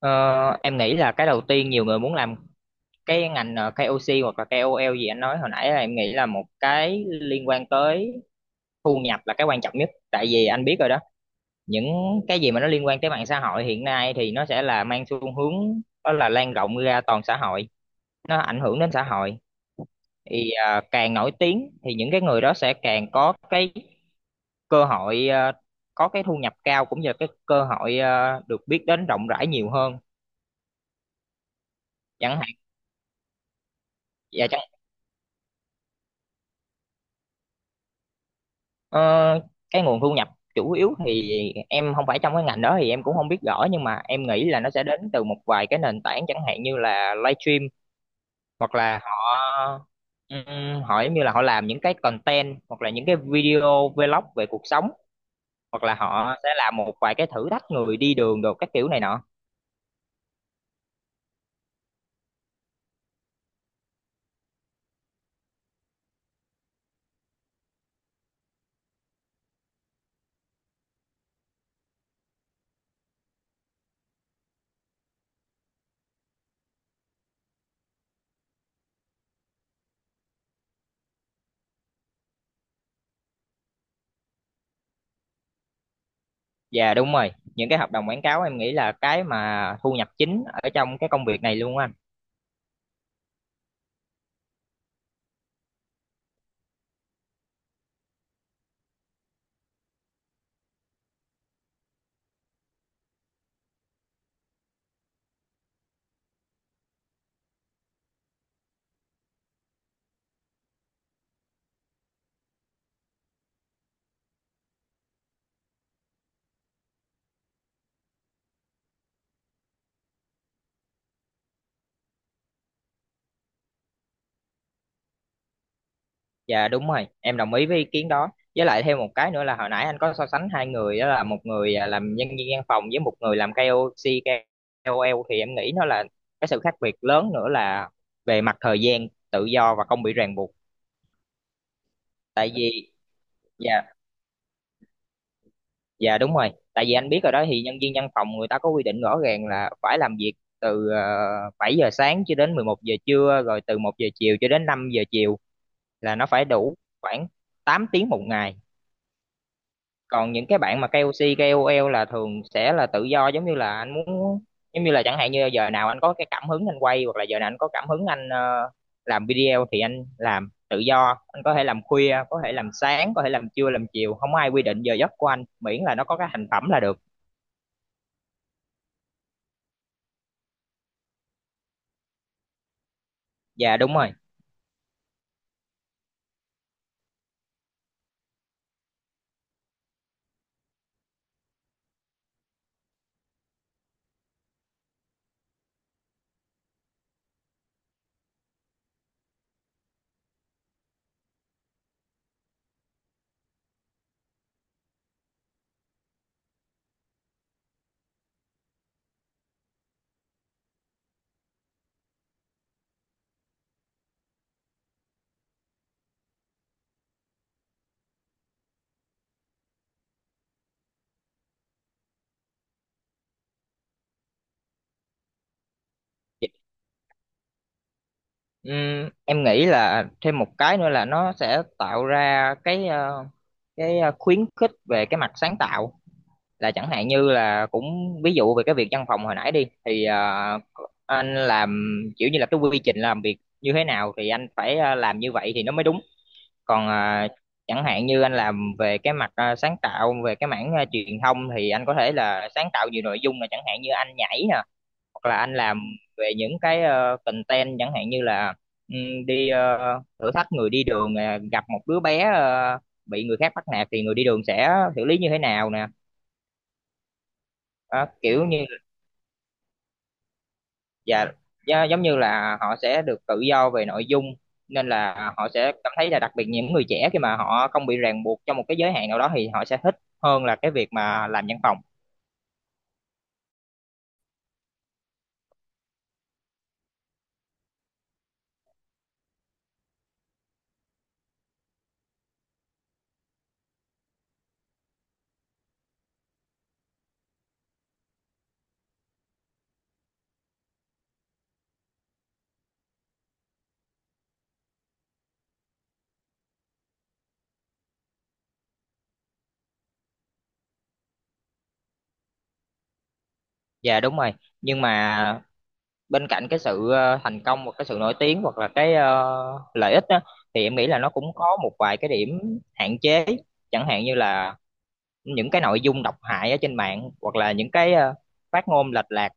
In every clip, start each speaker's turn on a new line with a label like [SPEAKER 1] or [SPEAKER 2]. [SPEAKER 1] Ờ, em nghĩ là cái đầu tiên nhiều người muốn làm cái ngành KOC hoặc là KOL gì anh nói hồi nãy là em nghĩ là một cái liên quan tới thu nhập là cái quan trọng nhất. Tại vì anh biết rồi đó, những cái gì mà nó liên quan tới mạng xã hội hiện nay thì nó sẽ là mang xu hướng đó là lan rộng ra toàn xã hội, nó ảnh hưởng đến xã hội. Thì càng nổi tiếng thì những cái người đó sẽ càng có cái cơ hội có cái thu nhập cao cũng như là cái cơ hội được biết đến rộng rãi nhiều hơn chẳng hạn. Và Ờ, cái nguồn thu nhập chủ yếu thì em không phải trong cái ngành đó thì em cũng không biết rõ, nhưng mà em nghĩ là nó sẽ đến từ một vài cái nền tảng chẳng hạn như là livestream, hoặc là họ họ giống như là họ làm những cái content hoặc là những cái video vlog về cuộc sống, hoặc là họ sẽ làm một vài cái thử thách người đi đường đồ các kiểu này nọ. Dạ đúng rồi, những cái hợp đồng quảng cáo em nghĩ là cái mà thu nhập chính ở trong cái công việc này luôn á anh. Dạ đúng rồi, em đồng ý với ý kiến đó. Với lại thêm một cái nữa là hồi nãy anh có so sánh hai người đó là một người làm nhân viên văn phòng với một người làm KOC, KOL thì em nghĩ nó là cái sự khác biệt lớn nữa là về mặt thời gian tự do và không bị ràng buộc. Tại vì dạ dạ đúng rồi. Tại vì anh biết rồi đó thì nhân viên văn phòng người ta có quy định rõ ràng là phải làm việc từ 7 giờ sáng cho đến 11 giờ trưa rồi từ 1 giờ chiều cho đến 5 giờ chiều, là nó phải đủ khoảng 8 tiếng một ngày. Còn những cái bạn mà KOC, KOL là thường sẽ là tự do, giống như là anh muốn, giống như là chẳng hạn như giờ nào anh có cái cảm hứng anh quay hoặc là giờ nào anh có cảm hứng anh làm video thì anh làm tự do, anh có thể làm khuya, có thể làm sáng, có thể làm trưa, làm chiều, không ai quy định giờ giấc của anh miễn là nó có cái thành phẩm là được. Dạ đúng rồi. Em nghĩ là thêm một cái nữa là nó sẽ tạo ra cái khuyến khích về cái mặt sáng tạo, là chẳng hạn như là cũng ví dụ về cái việc văn phòng hồi nãy đi thì anh làm kiểu như là cái quy trình làm việc như thế nào thì anh phải làm như vậy thì nó mới đúng. Còn chẳng hạn như anh làm về cái mặt sáng tạo về cái mảng truyền thông thì anh có thể là sáng tạo nhiều nội dung, là chẳng hạn như anh nhảy nè, hoặc là anh làm về những cái content chẳng hạn như là đi thử thách người đi đường nè, gặp một đứa bé bị người khác bắt nạt thì người đi đường sẽ xử lý như thế nào nè. Đó, kiểu như. Dạ, dạ, giống như là họ sẽ được tự do về nội dung nên là họ sẽ cảm thấy là đặc biệt những người trẻ khi mà họ không bị ràng buộc trong một cái giới hạn nào đó thì họ sẽ thích hơn là cái việc mà làm văn phòng. Dạ đúng rồi. Nhưng mà bên cạnh cái sự thành công hoặc cái sự nổi tiếng hoặc là cái lợi ích đó, thì em nghĩ là nó cũng có một vài cái điểm hạn chế, chẳng hạn như là những cái nội dung độc hại ở trên mạng hoặc là những cái phát ngôn lệch lạc.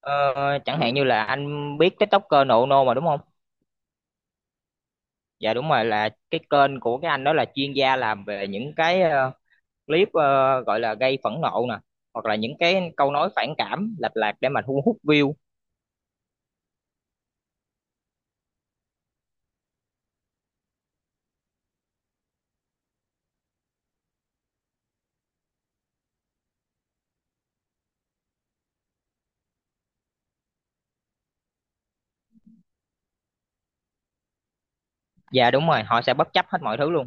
[SPEAKER 1] Ờ, Chẳng hạn như là anh biết TikToker nộ nô mà đúng không? Dạ đúng rồi, là cái kênh của cái anh đó là chuyên gia làm về những cái clip gọi là gây phẫn nộ nè, hoặc là những cái câu nói phản cảm lệch lạc để mà thu hút view. Dạ đúng rồi, họ sẽ bất chấp hết mọi thứ luôn.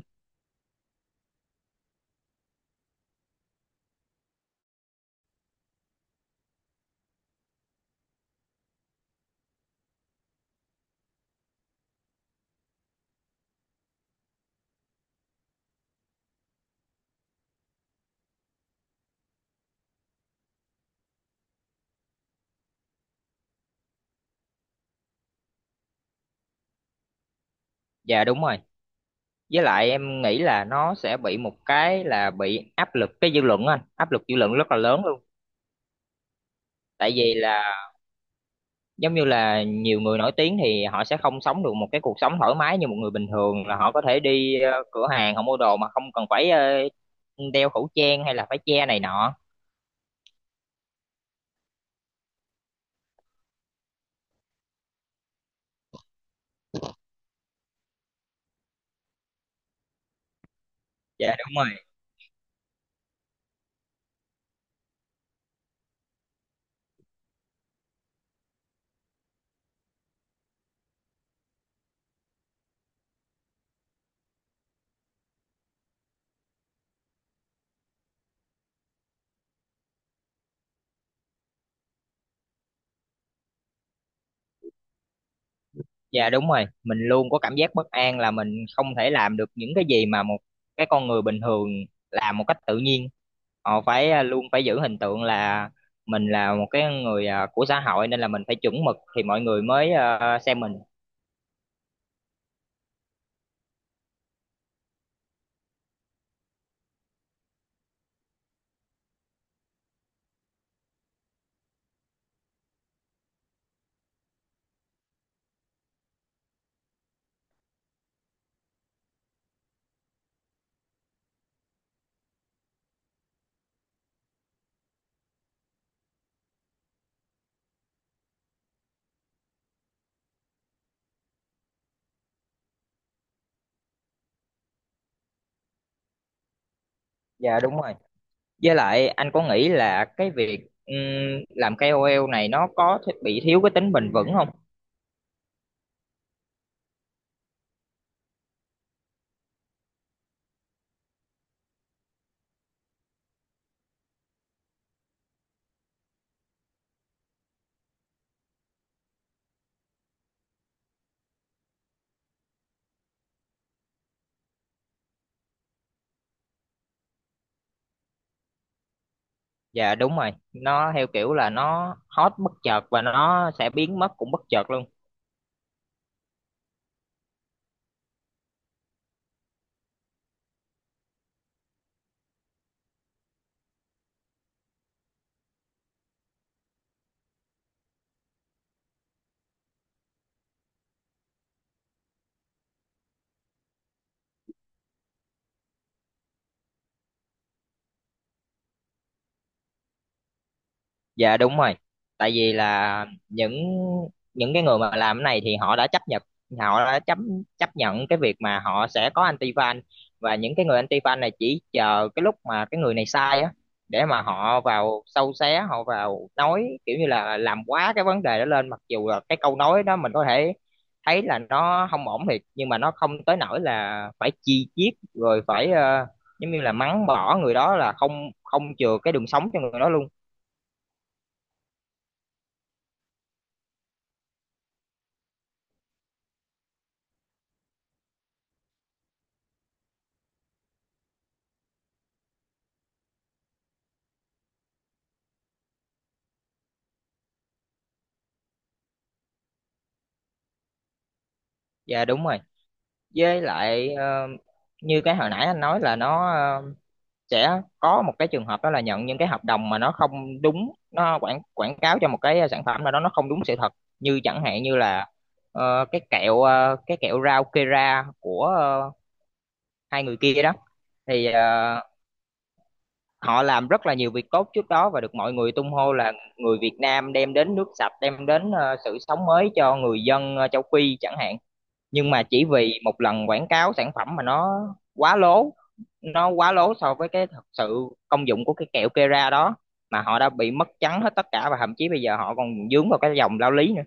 [SPEAKER 1] Dạ đúng rồi, với lại em nghĩ là nó sẽ bị một cái là bị áp lực cái dư luận á anh, áp lực dư luận rất là lớn luôn. Tại vì là giống như là nhiều người nổi tiếng thì họ sẽ không sống được một cái cuộc sống thoải mái như một người bình thường, là họ có thể đi cửa hàng họ mua đồ mà không cần phải đeo khẩu trang hay là phải che này nọ. Dạ đúng rồi. Dạ đúng rồi, mình luôn có cảm giác bất an là mình không thể làm được những cái gì mà một cái con người bình thường làm một cách tự nhiên. Họ phải luôn phải giữ hình tượng là mình là một cái người của xã hội nên là mình phải chuẩn mực thì mọi người mới xem mình. Dạ đúng rồi. Với lại anh có nghĩ là cái việc làm KOL này nó có bị thiếu cái tính bền vững không? Dạ đúng rồi, nó theo kiểu là nó hot bất chợt và nó sẽ biến mất cũng bất chợt luôn. Dạ đúng rồi, tại vì là những cái người mà làm cái này thì họ đã chấp nhận họ đã chấp chấp nhận cái việc mà họ sẽ có anti fan, và những cái người anti fan này chỉ chờ cái lúc mà cái người này sai á, để mà họ vào sâu xé, họ vào nói kiểu như là làm quá cái vấn đề đó lên, mặc dù là cái câu nói đó mình có thể thấy là nó không ổn thiệt nhưng mà nó không tới nỗi là phải chi chiết rồi phải giống như là mắng bỏ người đó, là không không chừa cái đường sống cho người đó luôn. Dạ đúng rồi, với lại như cái hồi nãy anh nói là nó sẽ có một cái trường hợp đó là nhận những cái hợp đồng mà nó không đúng, nó quảng quảng cáo cho một cái sản phẩm nào đó nó không đúng sự thật, như chẳng hạn như là cái kẹo rau Kera của hai người kia đó. Thì họ làm rất là nhiều việc tốt trước đó và được mọi người tung hô là người Việt Nam đem đến nước sạch, đem đến sự sống mới cho người dân châu Phi chẳng hạn, nhưng mà chỉ vì một lần quảng cáo sản phẩm mà nó quá lố, nó quá lố so với cái thật sự công dụng của cái kẹo Kera đó, mà họ đã bị mất trắng hết tất cả và thậm chí bây giờ họ còn vướng vào cái dòng lao lý nữa.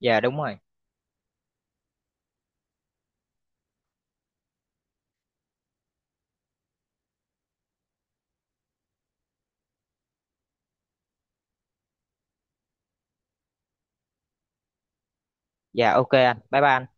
[SPEAKER 1] Dạ đúng rồi. Dạ, ok anh bye bye.